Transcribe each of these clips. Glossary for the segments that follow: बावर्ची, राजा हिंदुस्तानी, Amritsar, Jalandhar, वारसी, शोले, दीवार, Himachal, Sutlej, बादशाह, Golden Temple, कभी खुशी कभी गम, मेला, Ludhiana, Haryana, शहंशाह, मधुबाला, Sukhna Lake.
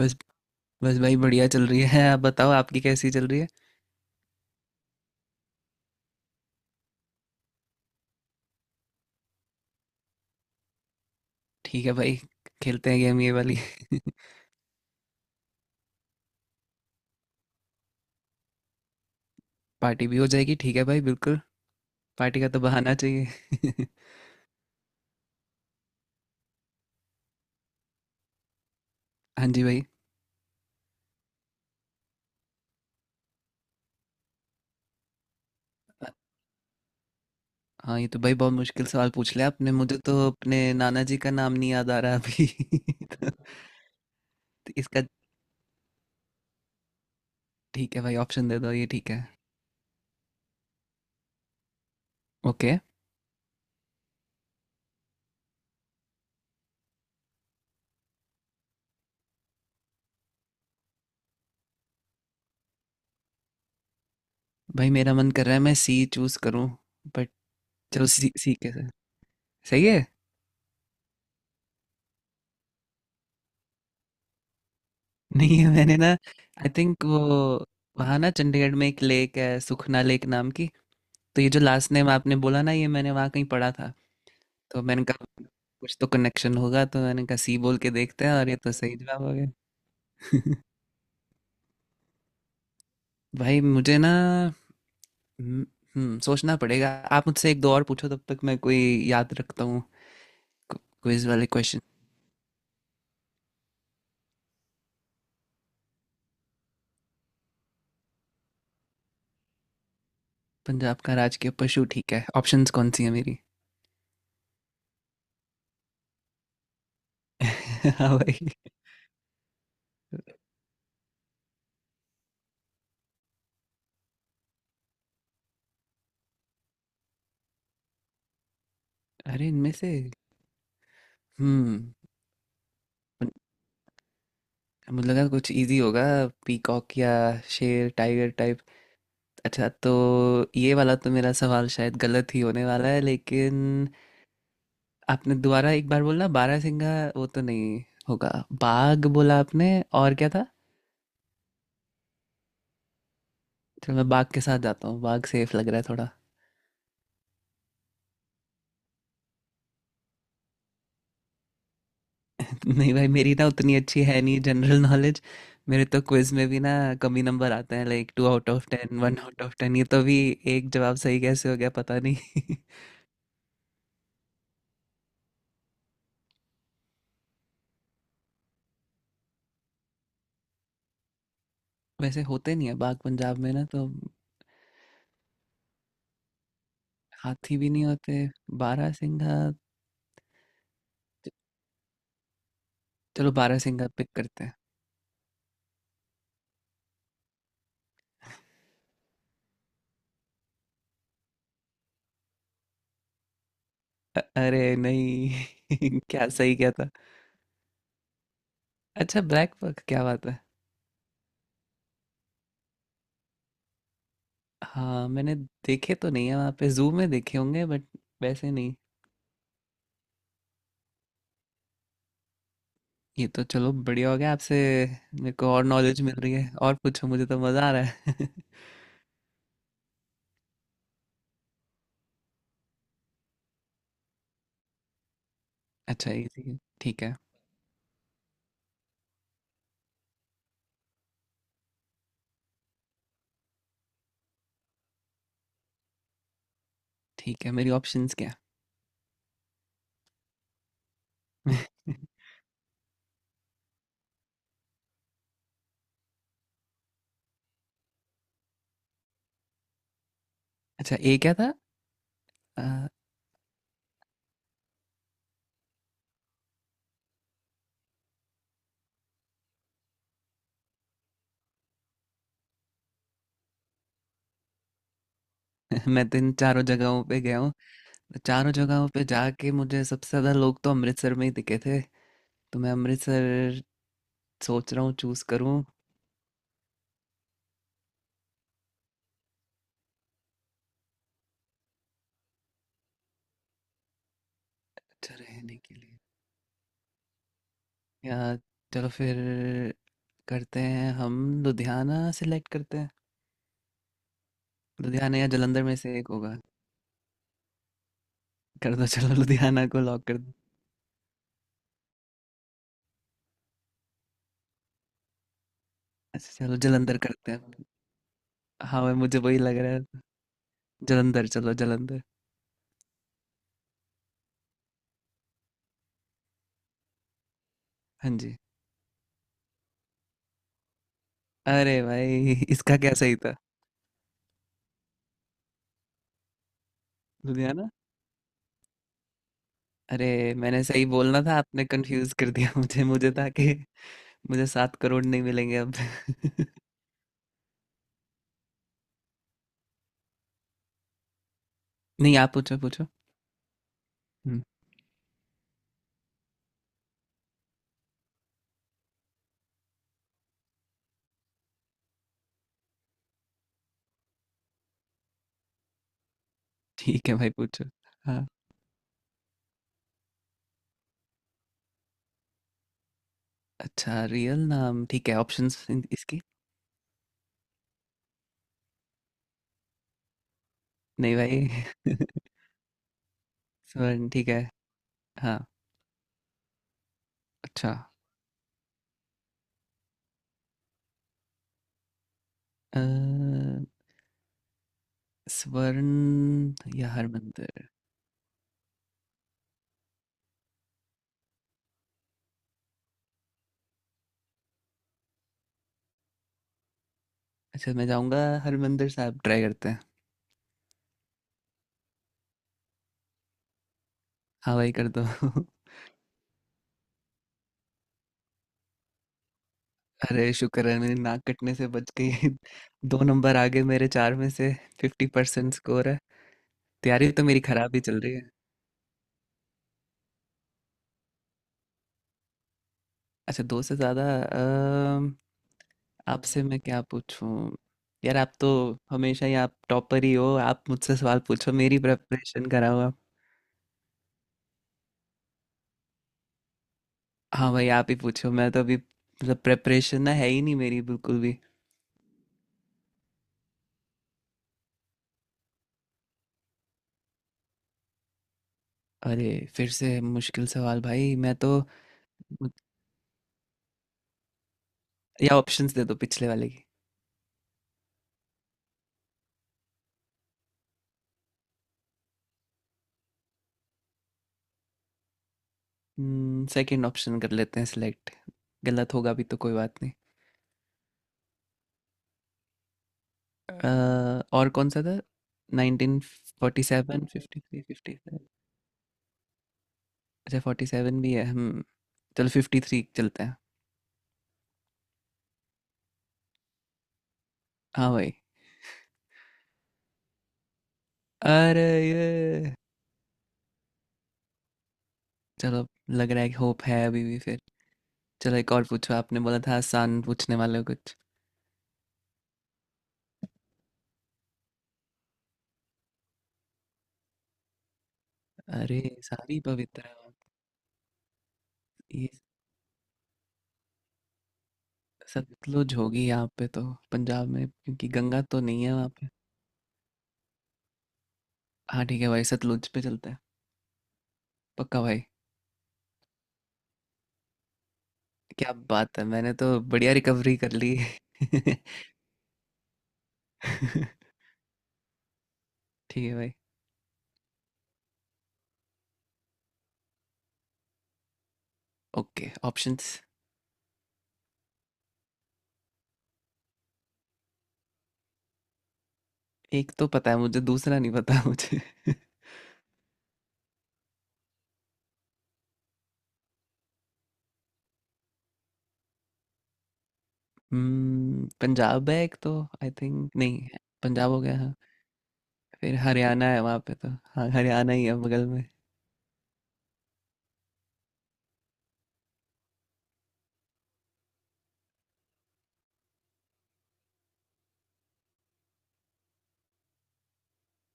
बस बस भाई बढ़िया चल रही है। आप बताओ आपकी कैसी चल रही है। ठीक है भाई। खेलते हैं गेम ये वाली। पार्टी भी हो जाएगी ठीक है भाई बिल्कुल। पार्टी का तो बहाना चाहिए। हाँ जी भाई। अ- हाँ ये तो भाई बहुत मुश्किल सवाल पूछ लिया आपने। मुझे तो अपने नाना जी का नाम नहीं याद आ रहा अभी। तो इसका ठीक है भाई ऑप्शन दे दो ये ठीक है। ओके भाई मेरा मन कर रहा है मैं सी चूज करूँ बट। चलो सी सी कैसे। सही है। नहीं मैंने ना आई थिंक वो वहाँ ना चंडीगढ़ में एक लेक है सुखना लेक नाम की। तो ये जो लास्ट नेम आपने बोला ना ये मैंने वहाँ कहीं पढ़ा था। तो मैंने कहा कुछ तो कनेक्शन होगा। तो मैंने कहा सी बोल के देखते हैं और ये तो सही जवाब हो गया। भाई मुझे ना हम्म सोचना पड़ेगा। आप मुझसे एक दो और पूछो तब तक मैं कोई याद रखता हूँ क्विज वाले क्वेश्चन। पंजाब का राजकीय पशु ठीक है ऑप्शंस कौन सी है मेरी। हाँ भाई। अरे इनमें से हम्म मुझे लगा कुछ इजी होगा। पीकॉक या शेर टाइगर टाइप। अच्छा तो ये वाला तो मेरा सवाल शायद गलत ही होने वाला है लेकिन आपने दोबारा एक बार बोला बारहसिंगा वो तो नहीं होगा। बाघ बोला आपने और क्या था। चलो मैं बाघ के साथ जाता हूँ बाघ सेफ लग रहा है थोड़ा। नहीं भाई मेरी ना उतनी अच्छी है नहीं जनरल नॉलेज। मेरे तो क्विज में भी ना कमी नंबर आते हैं like 2 out of 10 1 out of 10। ये तो भी एक जवाब सही कैसे हो गया पता नहीं। वैसे होते नहीं है बाघ पंजाब में ना तो। हाथी भी नहीं होते। बारहसिंघा चलो बारहसिंघा पिक करते हैं। अरे नहीं क्या सही क्या था। अच्छा ब्लैक बक क्या बात है। हाँ मैंने देखे तो नहीं है वहाँ पे जू में देखे होंगे बट वैसे नहीं। ये तो चलो बढ़िया हो गया आपसे। मेरे को और नॉलेज मिल रही है और पूछो मुझे तो मज़ा आ रहा है। अच्छा इजी है ठीक है। ठीक है मेरी ऑप्शंस क्या है। अच्छा ए क्या था। आ, मैं तो इन चारों जगहों पे गया। चारों जगहों पे जाके मुझे सबसे ज़्यादा लोग तो अमृतसर में ही दिखे थे। तो मैं अमृतसर सोच रहा हूँ चूज़ करूँ। अच्छा रहने के लिए या चलो फिर करते हैं हम लुधियाना सिलेक्ट करते हैं। लुधियाना या जलंधर में से एक होगा। कर दो चलो लुधियाना को लॉक कर दो। अच्छा चलो जलंधर करते हैं। हाँ भाई मुझे वही लग रहा है। जलंधर चलो जलंधर। हाँ जी। अरे भाई इसका क्या सही था। लुधियाना। अरे मैंने सही बोलना था आपने कंफ्यूज कर दिया मुझे मुझे था कि मुझे 7 करोड़ नहीं मिलेंगे अब। नहीं आप पूछो पूछो। हम्म, ठीक है भाई पूछो। हाँ। अच्छा रियल नाम ठीक है ऑप्शंस इसकी। नहीं भाई। स्वर्ण ठीक है। हाँ। अच्छा अ, स्वर्ण या हरमंदिर। अच्छा मैं जाऊंगा हरमंदिर साहब ट्राई करते हैं। हाँ भाई कर दो। अरे शुक्र है मेरी नाक कटने से बच गई। दो नंबर आगे मेरे चार में से। 50% स्कोर है। तैयारी तो मेरी खराब ही चल रही है। अच्छा, 2 से ज़्यादा आपसे मैं क्या पूछूँ? यार आप तो हमेशा ही आप टॉपर ही हो, आप मुझसे सवाल पूछो, मेरी प्रिपरेशन कराओ आप। हाँ भाई, आप ही पूछो, मैं तो अभी मतलब प्रिपरेशन ना है ही नहीं मेरी बिल्कुल भी। अरे! फिर से मुश्किल सवाल भाई, मैं तो मु या ऑप्शंस दे दो पिछले वाले की। सेकंड ऑप्शन कर लेते हैं सिलेक्ट, गलत होगा भी तो कोई बात नहीं। और कौन-सा था? 1947, 53, 55 अच्छा 47 भी है चलो 53 चलते हैं। हाँ भाई। अरे ये चलो लग रहा है कि होप है अभी भी फिर। चलो एक और पूछो आपने बोला था आसान पूछने वाले हो कुछ। अरे सारी पवित्र है। ये सतलुज होगी यहाँ पे तो पंजाब में क्योंकि गंगा तो नहीं है वहाँ पे। हाँ ठीक है भाई सतलुज पे चलते हैं। पक्का भाई। क्या बात है मैंने तो बढ़िया रिकवरी कर ली। ठीक है भाई। Okay options. एक तो पता है मुझे दूसरा नहीं पता मुझे। पंजाब है एक तो आई थिंक नहीं, पंजाब हो गया हाँ, फिर हरियाणा है वहाँ पे तो हाँ, हरियाणा ही है बगल में।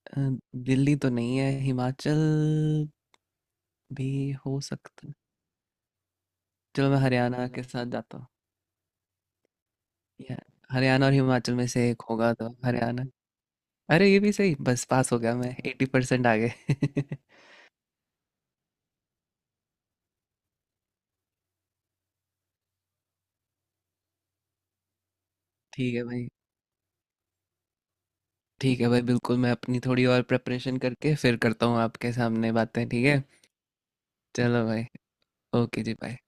अ, दिल्ली तो नहीं है, हिमाचल भी हो सकता है। चलो मैं हरियाणा के साथ जाता हूँ। या हरियाणा और हिमाचल में से एक होगा तो हरियाणा। अरे ये भी सही, बस पास हो गया मैं 80% आ गए। ठीक है भाई, ठीक है भाई बिल्कुल मैं अपनी थोड़ी और प्रिपरेशन करके फिर करता हूँ आपके सामने बातें, ठीक है? चलो भाई, ओके जी बाय।